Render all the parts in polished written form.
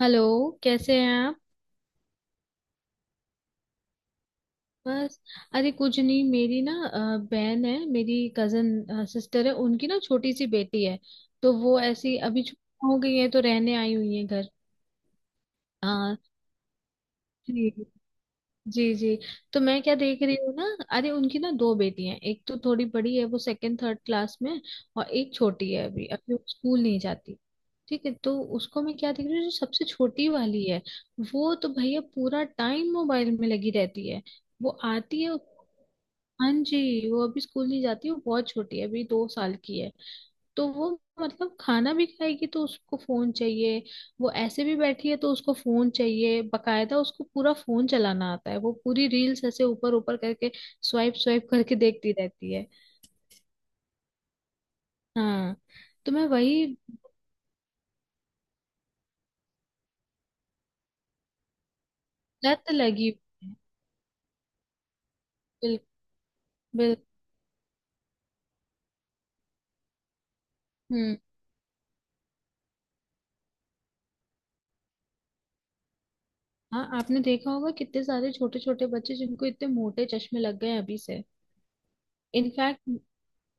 Hello. कैसे हैं आप? बस। अरे कुछ नहीं, मेरी ना बहन है, मेरी कजन सिस्टर है, उनकी ना छोटी सी बेटी है। तो वो ऐसी अभी छुट्टी हो गई है तो रहने आई हुई है घर। हाँ जी। जी जी। तो मैं क्या देख रही हूँ ना, अरे उनकी ना दो बेटियां हैं, एक तो थोड़ी बड़ी है वो सेकंड थर्ड क्लास में है, और एक छोटी है, अभी अभी वो स्कूल नहीं जाती। ठीक है, तो उसको मैं क्या देख रही हूँ, जो सबसे छोटी वाली है वो तो भैया पूरा टाइम मोबाइल में लगी रहती है। वो आती है। हाँ जी, वो अभी स्कूल नहीं जाती, वो बहुत छोटी है, अभी दो साल की है। तो वो, मतलब खाना भी खाएगी तो उसको फोन चाहिए, वो ऐसे भी बैठी है तो उसको फोन चाहिए। बकायदा उसको पूरा फोन चलाना आता है, वो पूरी रील्स ऐसे ऊपर ऊपर करके स्वाइप स्वाइप करके देखती रहती है। हाँ। तो मैं वही, लत लगी हुई है। बिल्कुल। बिल्कुल। हम्म। हाँ, आपने देखा होगा कितने सारे छोटे छोटे बच्चे जिनको इतने मोटे चश्मे लग गए हैं अभी से। इनफैक्ट।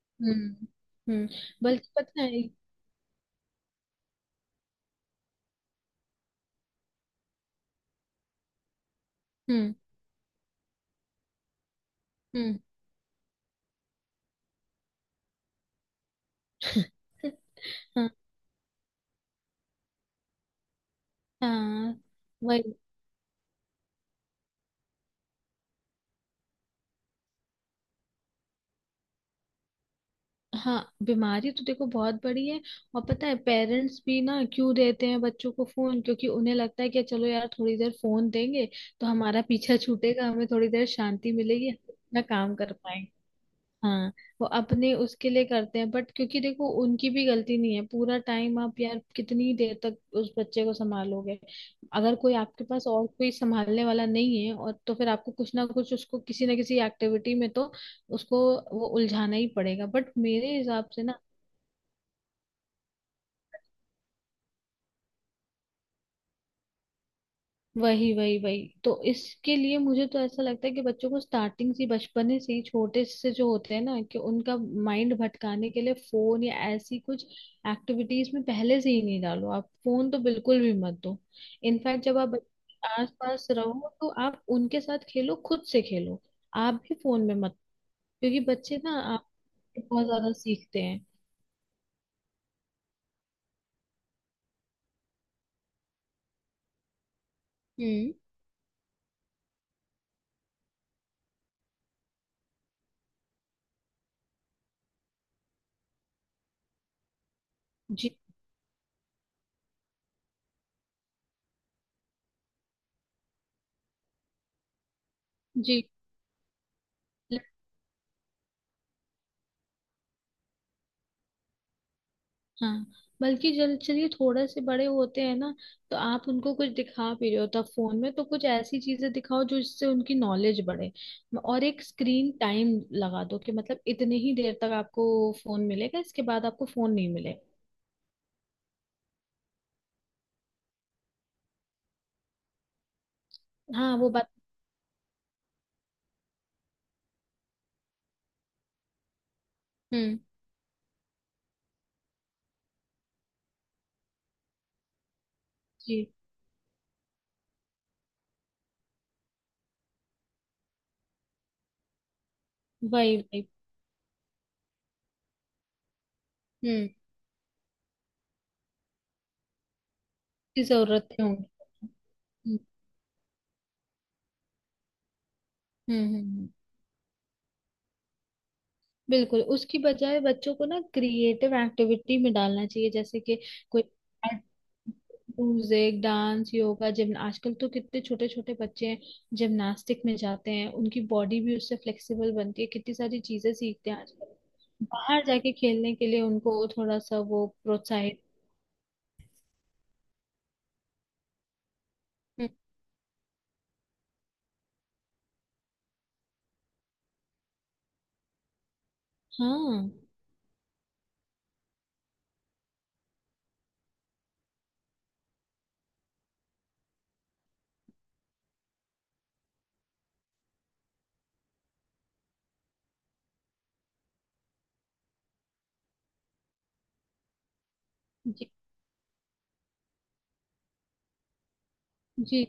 हम्म। हम्म। बल्कि पता है। हम्म। हम्म। हाँ। हाँ। वही। हाँ। बीमारी तो देखो बहुत बड़ी है। और पता है, पेरेंट्स भी ना क्यों देते हैं बच्चों को फोन, क्योंकि उन्हें लगता है कि चलो यार थोड़ी देर फोन देंगे तो हमारा पीछा छूटेगा, हमें थोड़ी देर शांति मिलेगी, हम अपना काम कर। हाँ। वो अपने उसके लिए करते हैं, बट क्योंकि देखो उनकी भी गलती नहीं है। पूरा टाइम आप यार कितनी देर तक उस बच्चे को संभालोगे? अगर कोई आपके पास और कोई संभालने वाला नहीं है और, तो फिर आपको कुछ ना कुछ उसको, किसी ना किसी एक्टिविटी में तो उसको वो उलझाना ही पड़ेगा। बट मेरे हिसाब से ना, वही वही वही, तो इसके लिए मुझे तो ऐसा लगता है कि बच्चों को स्टार्टिंग से, बचपन से ही, छोटे से जो होते हैं ना, कि उनका माइंड भटकाने के लिए फोन या ऐसी कुछ एक्टिविटीज में पहले से ही नहीं डालो। आप फोन तो बिल्कुल भी मत दो। इनफैक्ट जब आप बच्चों के आसपास रहो तो आप उनके साथ खेलो, खुद से खेलो, आप भी फोन में मत। क्योंकि बच्चे ना आप बहुत ज्यादा सीखते हैं। हम्म। जी। जी। हाँ, बल्कि जल चलिए, थोड़े से बड़े होते हैं ना, तो आप उनको कुछ दिखा भी रहे हो तब फोन में तो कुछ ऐसी चीजें दिखाओ जो इससे उनकी नॉलेज बढ़े। और एक स्क्रीन टाइम लगा दो कि मतलब इतने ही देर तक आपको फोन मिलेगा, इसके बाद आपको फोन नहीं मिलेगा। हाँ वो बात। हम्म। जी। वही वही। हम्म। की जरूरतें होंगी। हम्म, हम्म। बिल्कुल, उसकी बजाय बच्चों को ना क्रिएटिव एक्टिविटी में डालना चाहिए, जैसे कि कोई art, music, dance, yoga, gym. आजकल तो कितने छोटे छोटे बच्चे हैं जिमनास्टिक में जाते हैं, उनकी बॉडी भी उससे फ्लेक्सिबल बनती है, कितनी सारी चीजें सीखते हैं आजकल। बाहर जाके खेलने के लिए उनको थोड़ा सा वो प्रोत्साहित। हम्म। हाँ। जी। जी।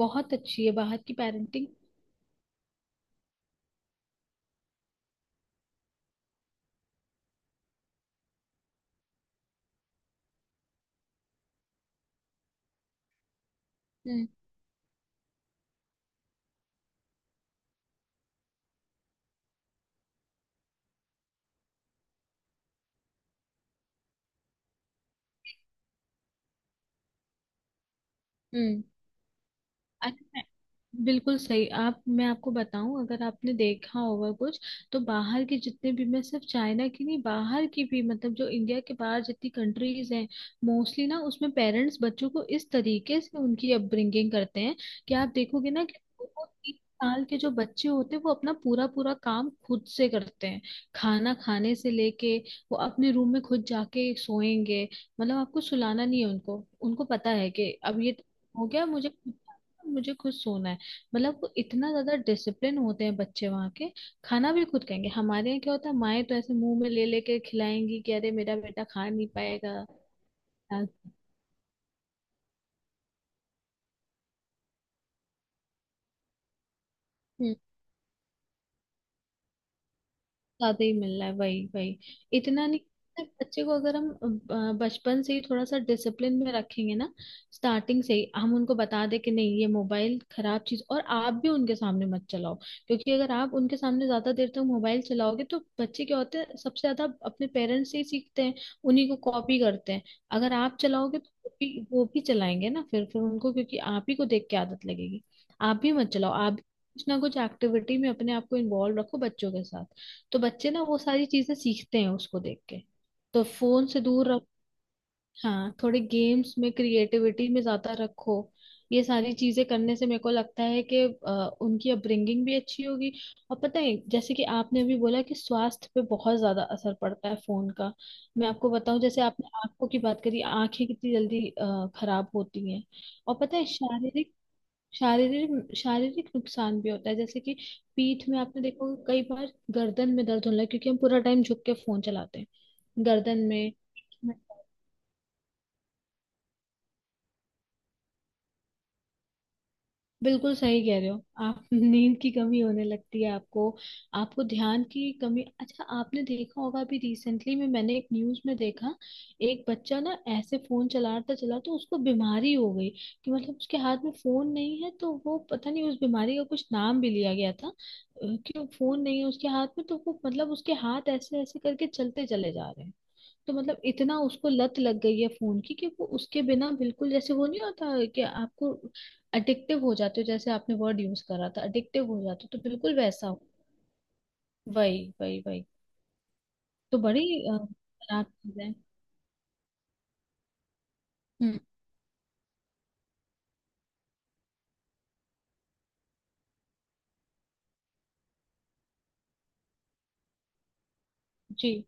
बहुत अच्छी है बाहर की पेरेंटिंग। हम्म। हम्म। अच्छा। बिल्कुल सही आप। मैं आपको बताऊं, अगर आपने देखा होगा कुछ, तो बाहर की, जितने भी, मैं सिर्फ चाइना की नहीं, बाहर की भी मतलब, जो इंडिया के बाहर जितनी कंट्रीज हैं मोस्टली ना, उसमें पेरेंट्स बच्चों को इस तरीके से उनकी अपब्रिंगिंग करते हैं कि आप देखोगे ना कि वो तीन साल के जो बच्चे होते हैं वो अपना पूरा पूरा काम खुद से करते हैं। खाना खाने से लेके, वो अपने रूम में खुद जाके सोएंगे। मतलब आपको सुलाना नहीं है उनको, उनको पता है कि अब ये हो गया मुझे, मुझे खुद सोना है। मतलब वो इतना ज्यादा डिसिप्लिन होते हैं बच्चे वहाँ के। खाना भी खुद खाएंगे। हमारे यहाँ क्या होता है, माएं तो ऐसे मुंह में ले लेके खिलाएंगी कि अरे मेरा बेटा खा नहीं पाएगा। हम्म। ज्यादा ही मिल रहा है, वही वही। इतना नहीं, बच्चे को अगर हम बचपन से ही थोड़ा सा डिसिप्लिन में रखेंगे ना, स्टार्टिंग से ही हम उनको बता दे कि नहीं ये मोबाइल खराब चीज, और आप भी उनके सामने मत चलाओ। क्योंकि अगर आप उनके सामने ज्यादा देर तक मोबाइल चलाओगे तो बच्चे क्या होते हैं, सबसे ज्यादा अपने पेरेंट्स से ही सीखते हैं, उन्हीं को कॉपी करते हैं। अगर आप चलाओगे तो वो भी चलाएंगे ना, फिर उनको, क्योंकि आप ही को देख के आदत लगेगी। आप भी मत चलाओ, आप भी कुछ ना कुछ एक्टिविटी में अपने आप को इन्वॉल्व रखो बच्चों के साथ। तो बच्चे ना वो सारी चीजें सीखते हैं उसको देख के। तो फोन से दूर रख, हाँ, थोड़े गेम्स में क्रिएटिविटी में ज्यादा रखो। ये सारी चीजें करने से मेरे को लगता है कि अ, उनकी अपब्रिंगिंग भी अच्छी होगी। और पता है जैसे कि आपने अभी बोला कि स्वास्थ्य पे बहुत ज्यादा असर पड़ता है फोन का, मैं आपको बताऊं, जैसे आपने आंखों की बात करी, आंखें कितनी जल्दी खराब होती हैं। और पता है, शारीरिक, शारीरिक शारीरिक नुकसान भी होता है, जैसे कि पीठ में, आपने देखो कई बार गर्दन में दर्द होने लगा क्योंकि हम पूरा टाइम झुक के फोन चलाते हैं। गर्दन में। बिल्कुल सही कह रहे हो आप। नींद की कमी होने लगती है आपको, आपको ध्यान की कमी। अच्छा आपने देखा होगा, अभी रिसेंटली में मैंने एक न्यूज में देखा, एक बच्चा ना ऐसे फोन चलाता चला तो उसको बीमारी हो गई। कि मतलब उसके हाथ में फोन नहीं है तो वो, पता नहीं, उस बीमारी का कुछ नाम भी लिया गया था कि वो फोन नहीं है उसके हाथ में तो वो मतलब उसके हाथ ऐसे ऐसे करके चलते चले जा रहे हैं। तो मतलब इतना उसको लत लग गई है फोन की कि वो उसके बिना बिल्कुल जैसे वो नहीं होता, कि आपको अडिक्टिव हो जाते हो, जैसे आपने वर्ड यूज करा था अडिक्टिव हो जाते हो तो बिल्कुल वैसा हो। वही वही वही। तो बड़ी खराब चीज है। हम्म। जी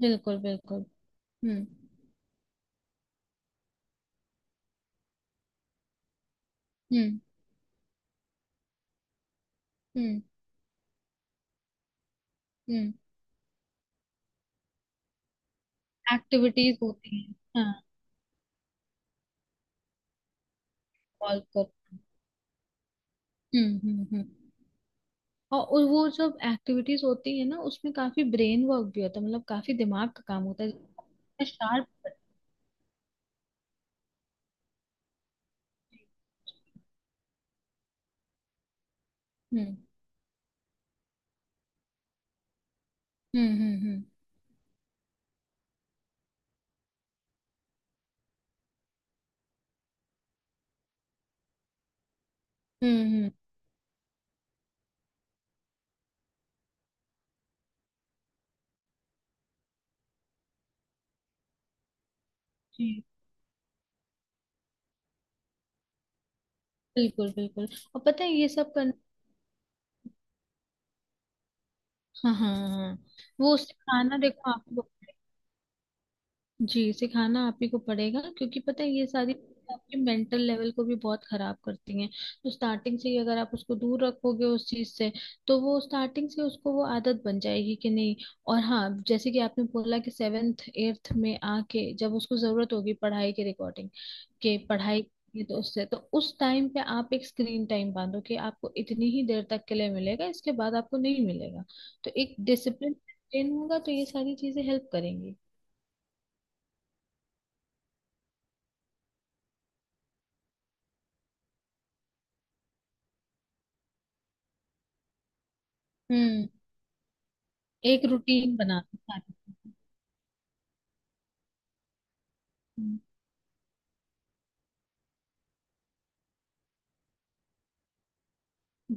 बिल्कुल। बिल्कुल। हम्म। हम्म। हम्म। हम्म। एक्टिविटीज होती हैं, हाँ। कॉल कर। हम्म। हम्म। हम्म। और वो जब एक्टिविटीज होती है ना, उसमें काफी ब्रेन वर्क भी होता है, मतलब काफी दिमाग का काम होता है, शार्प। हम्म। हम्म। हम्म। हम्म। हम्म। जी बिल्कुल बिल्कुल। और पता है ये सब करना, हाँ हाँ हाँ हाँ। वो उससे खाना देखो आपको, जी, सिखाना आप ही को पड़ेगा क्योंकि पता है ये सारी चीजें आपके मेंटल लेवल को भी बहुत खराब करती हैं। तो स्टार्टिंग से ही अगर आप उसको दूर रखोगे उस चीज से, तो वो स्टार्टिंग से उसको वो आदत बन जाएगी कि नहीं। और हाँ जैसे कि आपने बोला कि सेवेंथ एट्थ में आके जब उसको जरूरत होगी पढ़ाई के, रिकॉर्डिंग के, पढ़ाई की, तो उससे तो उस टाइम पे आप एक स्क्रीन टाइम बांधो कि आपको इतनी ही देर तक के लिए मिलेगा, इसके बाद आपको नहीं मिलेगा। तो एक डिसिप्लिन होगा, तो ये सारी चीजें हेल्प करेंगी। हम्म। एक रूटीन बनाते हैं खाने की। हम्म,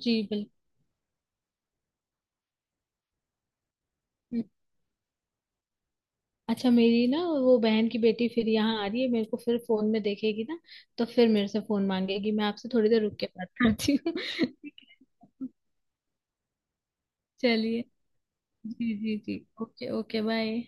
जी बिल्कुल। हम्म। अच्छा, मेरी ना वो बहन की बेटी फिर यहाँ आ रही है, मेरे को फिर फोन में देखेगी ना, तो फिर मेरे से फोन मांगेगी। मैं आपसे थोड़ी देर रुक के बात करती हूँ। ठीक है। चलिए। जी जी जी, ओके ओके, बाय।